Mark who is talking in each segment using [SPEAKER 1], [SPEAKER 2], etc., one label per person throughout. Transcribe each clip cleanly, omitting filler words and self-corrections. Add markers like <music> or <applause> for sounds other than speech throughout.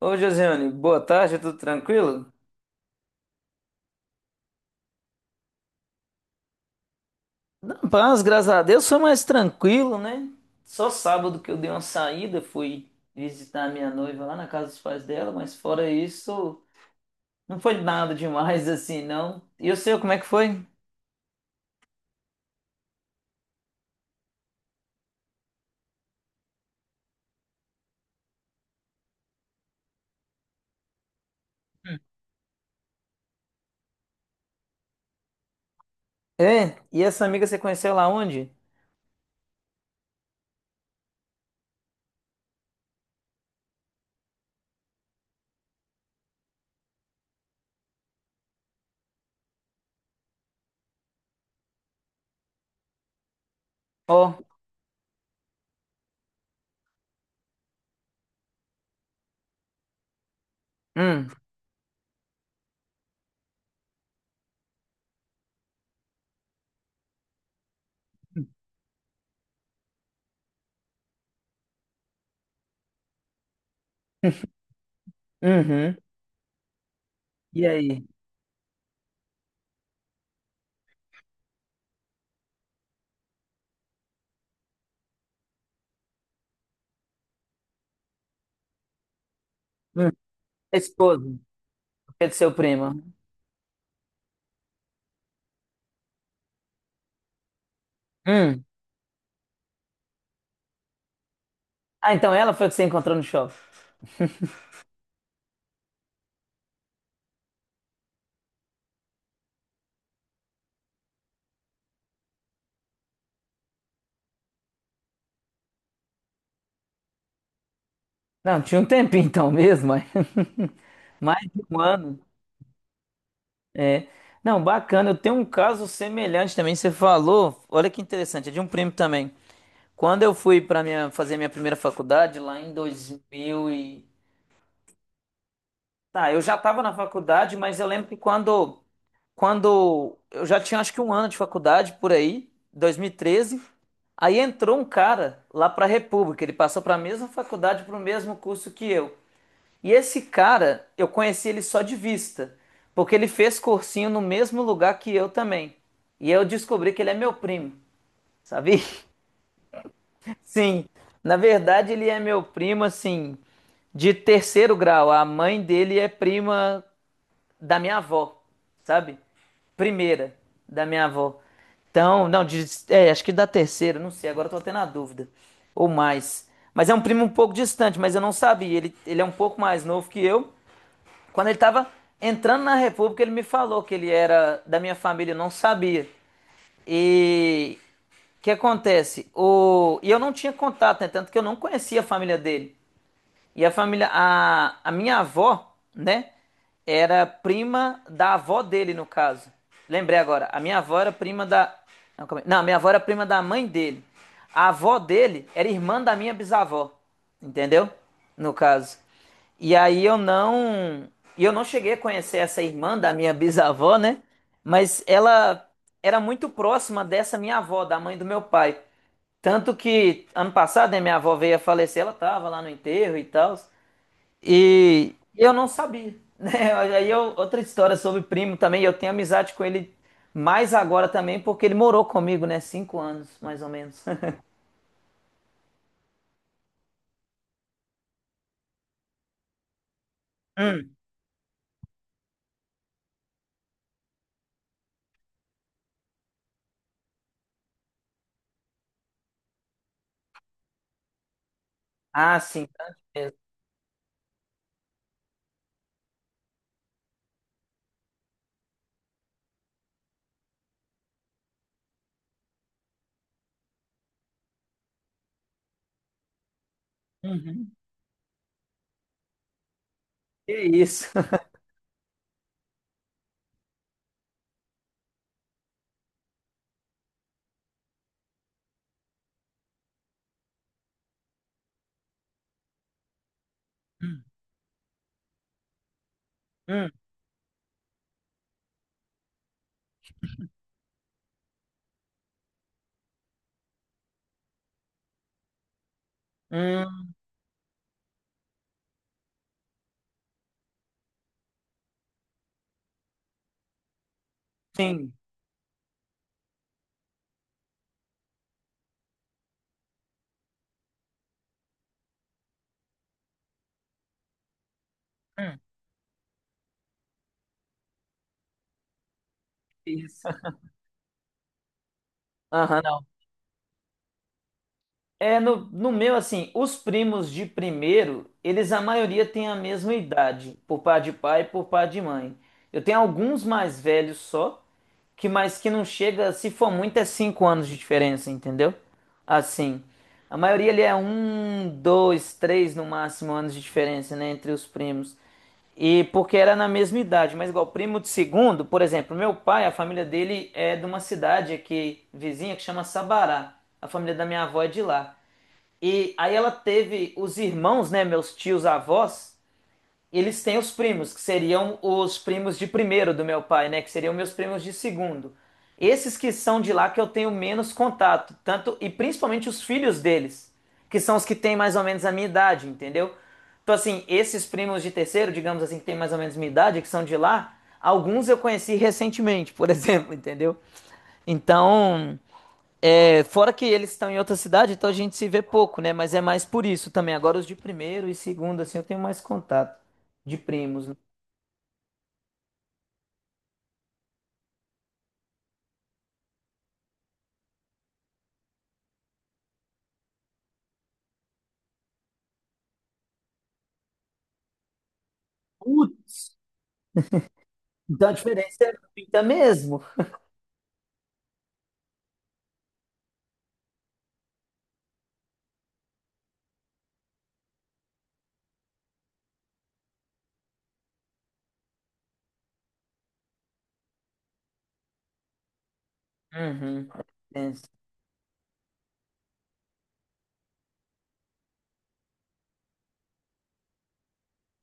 [SPEAKER 1] Ô, Josiane, boa tarde, tudo tranquilo? Na paz, graças a Deus, foi mais tranquilo, né? Só sábado que eu dei uma saída, fui visitar a minha noiva lá na casa dos pais dela, mas fora isso, não foi nada demais <laughs> assim, não. E o seu, como é que foi? É, e essa amiga você conheceu lá onde? Ó, hum, <laughs> uhum. E aí? Hum. A esposa, que é de seu primo. Hum. Ah, então ela foi a que você encontrou no shopping. <laughs> Não, tinha um tempinho então mesmo, mas <laughs> mais de um ano. É. Não, bacana. Eu tenho um caso semelhante também. Você falou, olha que interessante, é de um primo também. Quando eu fui para minha fazer minha primeira faculdade lá em 2000 e tá, eu já estava na faculdade, mas eu lembro que quando eu já tinha acho que um ano de faculdade por aí, 2013. Aí entrou um cara lá para a República, ele passou para a mesma faculdade, para o mesmo curso que eu. E esse cara, eu conheci ele só de vista, porque ele fez cursinho no mesmo lugar que eu também. E eu descobri que ele é meu primo, sabe? <laughs> Sim, na verdade ele é meu primo, assim, de terceiro grau. A mãe dele é prima da minha avó, sabe? Primeira da minha avó. Então, não, de- é, acho que da terceira, não sei, agora eu tô tendo a dúvida. Ou mais. Mas é um primo um pouco distante, mas eu não sabia. Ele é um pouco mais novo que eu. Quando ele estava entrando na República, ele me falou que ele era da minha família, eu não sabia. E o que acontece? E eu não tinha contato, né? Tanto que eu não conhecia a família dele. E a família, a minha avó, né, era prima da avó dele, no caso. Lembrei agora, a minha avó era prima da. Não, não, a minha avó era prima da mãe dele. A avó dele era irmã da minha bisavó, entendeu? No caso. E aí eu não. E eu não cheguei a conhecer essa irmã da minha <laughs> bisavó, né? Mas ela era muito próxima dessa minha avó, da mãe do meu pai. Tanto que ano passado, né, minha avó veio a falecer, ela tava lá no enterro e tal. E eu não sabia, né? <laughs> Aí eu- outra história sobre primo também, eu tenho amizade com ele mais agora também, porque ele morou comigo, né? 5 anos, mais ou menos. <laughs> Ah, sim, tanto mesmo. Uhum. Que isso. <laughs> Hum, hum, sim. Hum, isso. Aham, não. É, no meu, assim, os primos de primeiro, eles a maioria tem a mesma idade, por par de pai e por par de mãe. Eu tenho alguns mais velhos só, que mas que não chega, se for muito, é cinco anos de diferença, entendeu? Assim, a maioria ali é um, dois, três no máximo anos de diferença, né, entre os primos. E porque era na mesma idade, mas igual primo de segundo, por exemplo, meu pai, a família dele é de uma cidade aqui vizinha que chama Sabará. A família da minha avó é de lá. E aí ela teve os irmãos, né, meus tios avós, eles têm os primos, que seriam os primos de primeiro do meu pai, né, que seriam meus primos de segundo. Esses que são de lá que eu tenho menos contato, tanto e principalmente os filhos deles, que são os que têm mais ou menos a minha idade, entendeu? Então assim, esses primos de terceiro, digamos assim, que têm mais ou menos a minha idade, que são de lá, alguns eu conheci recentemente, por <laughs> exemplo, entendeu? Então, é, fora que eles estão em outra cidade, então a gente se vê pouco, né? Mas é mais por isso também. Agora os de primeiro e segundo, assim, eu tenho mais contato de primos, né? Putz. Então a diferença é muita mesmo. Uhum. É.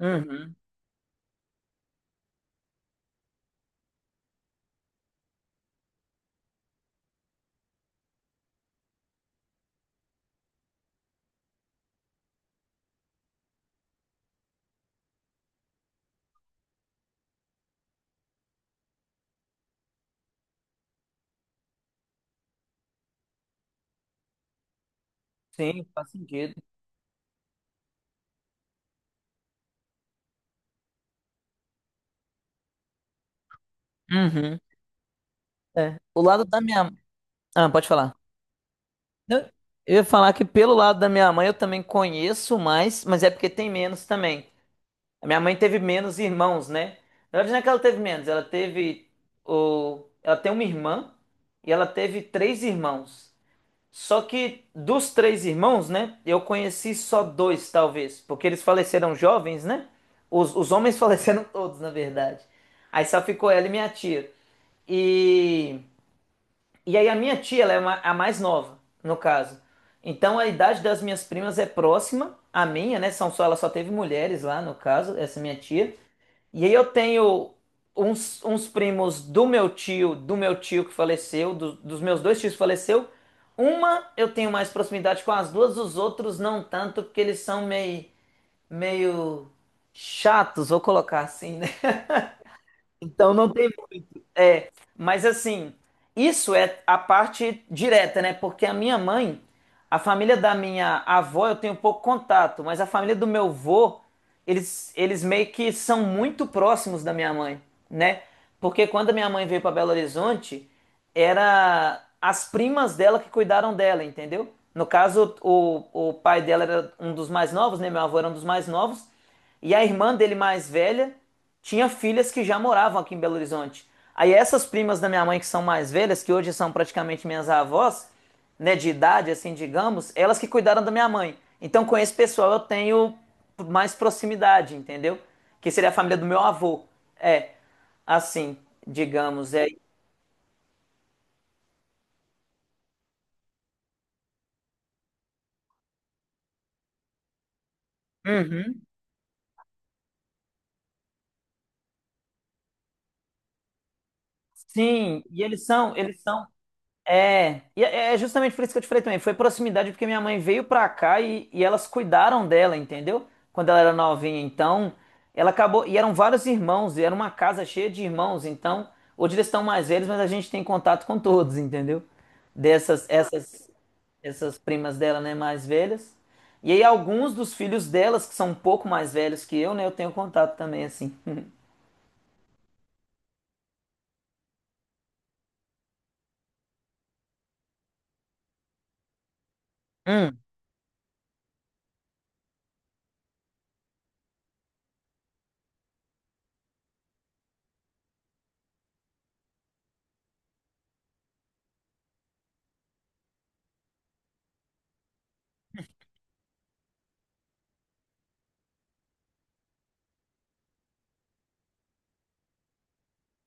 [SPEAKER 1] Uhum. Sim, faz sentido. Uhum. É. O lado da minha. Ah, pode falar. Não, eu ia falar que pelo lado da minha mãe eu também conheço mais, mas é porque tem menos também. A minha mãe teve menos irmãos, né? Na verdade, não é que ela teve menos, ela teve o... ela tem uma irmã e ela teve três irmãos. Só que dos três irmãos, né? Eu conheci só dois, talvez, porque eles faleceram jovens, né? Os homens <laughs> faleceram todos, na verdade. Aí só ficou ela e minha tia. E aí a minha tia, ela é a mais nova, no caso. Então a idade das minhas primas é próxima à minha, né? São só, ela só teve mulheres lá, no caso, essa minha tia. E aí eu tenho uns primos do meu tio que faleceu, dos meus dois tios que faleceu. Uma eu tenho mais proximidade com as duas, os outros não tanto, porque eles são meio chatos, vou colocar assim, né? <laughs> Então não tem, mas assim, isso é a parte direta, né? Porque a minha mãe, a família da minha avó, eu tenho pouco contato, mas a família do meu avô eles meio que são muito próximos da minha mãe, né? Porque quando a minha mãe veio para Belo Horizonte, era as primas dela que cuidaram dela, entendeu? No caso, o pai dela era um dos mais novos, né? Meu avô era um dos mais novos. E a irmã dele mais velha tinha filhas que já moravam aqui em Belo Horizonte. Aí essas primas da minha mãe que são mais velhas, que hoje são praticamente minhas avós, né, de idade, assim, digamos, elas que cuidaram da minha mãe. Então, com esse pessoal eu tenho mais proximidade, entendeu? Que seria a família do meu avô. É, assim, digamos, é. Uhum. Sim, e eles são é, e é justamente por isso que eu te falei também. Foi proximidade porque minha mãe veio pra cá e elas cuidaram dela, entendeu? Quando ela era novinha. Então, ela acabou. E eram vários irmãos, e era uma casa cheia de irmãos. Então, hoje eles estão mais velhos, mas a gente tem contato com todos, entendeu? Dessas, essas, essas primas dela, né, mais velhas. E aí, alguns dos filhos delas, que são um pouco mais velhos que eu, né, eu tenho contato também, assim. <laughs> Hum,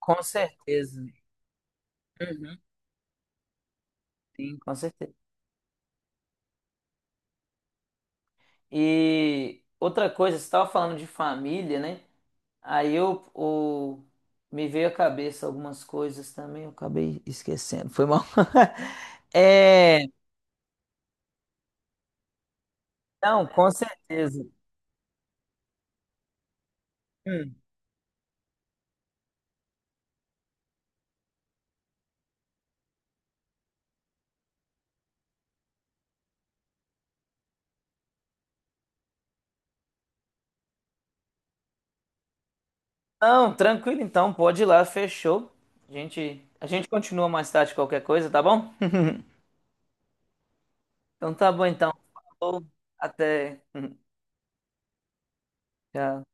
[SPEAKER 1] com certeza. Uhum. Sim, com certeza. E outra coisa, você estava falando de família, né? Aí eu, o- Me veio à cabeça algumas coisas também, eu acabei esquecendo, foi mal. <laughs> É, não, com certeza. Hum. Não, tranquilo então, pode ir lá, fechou. A gente continua mais tarde qualquer coisa, tá bom? Então tá bom então. Falou, até. <laughs> Tchau.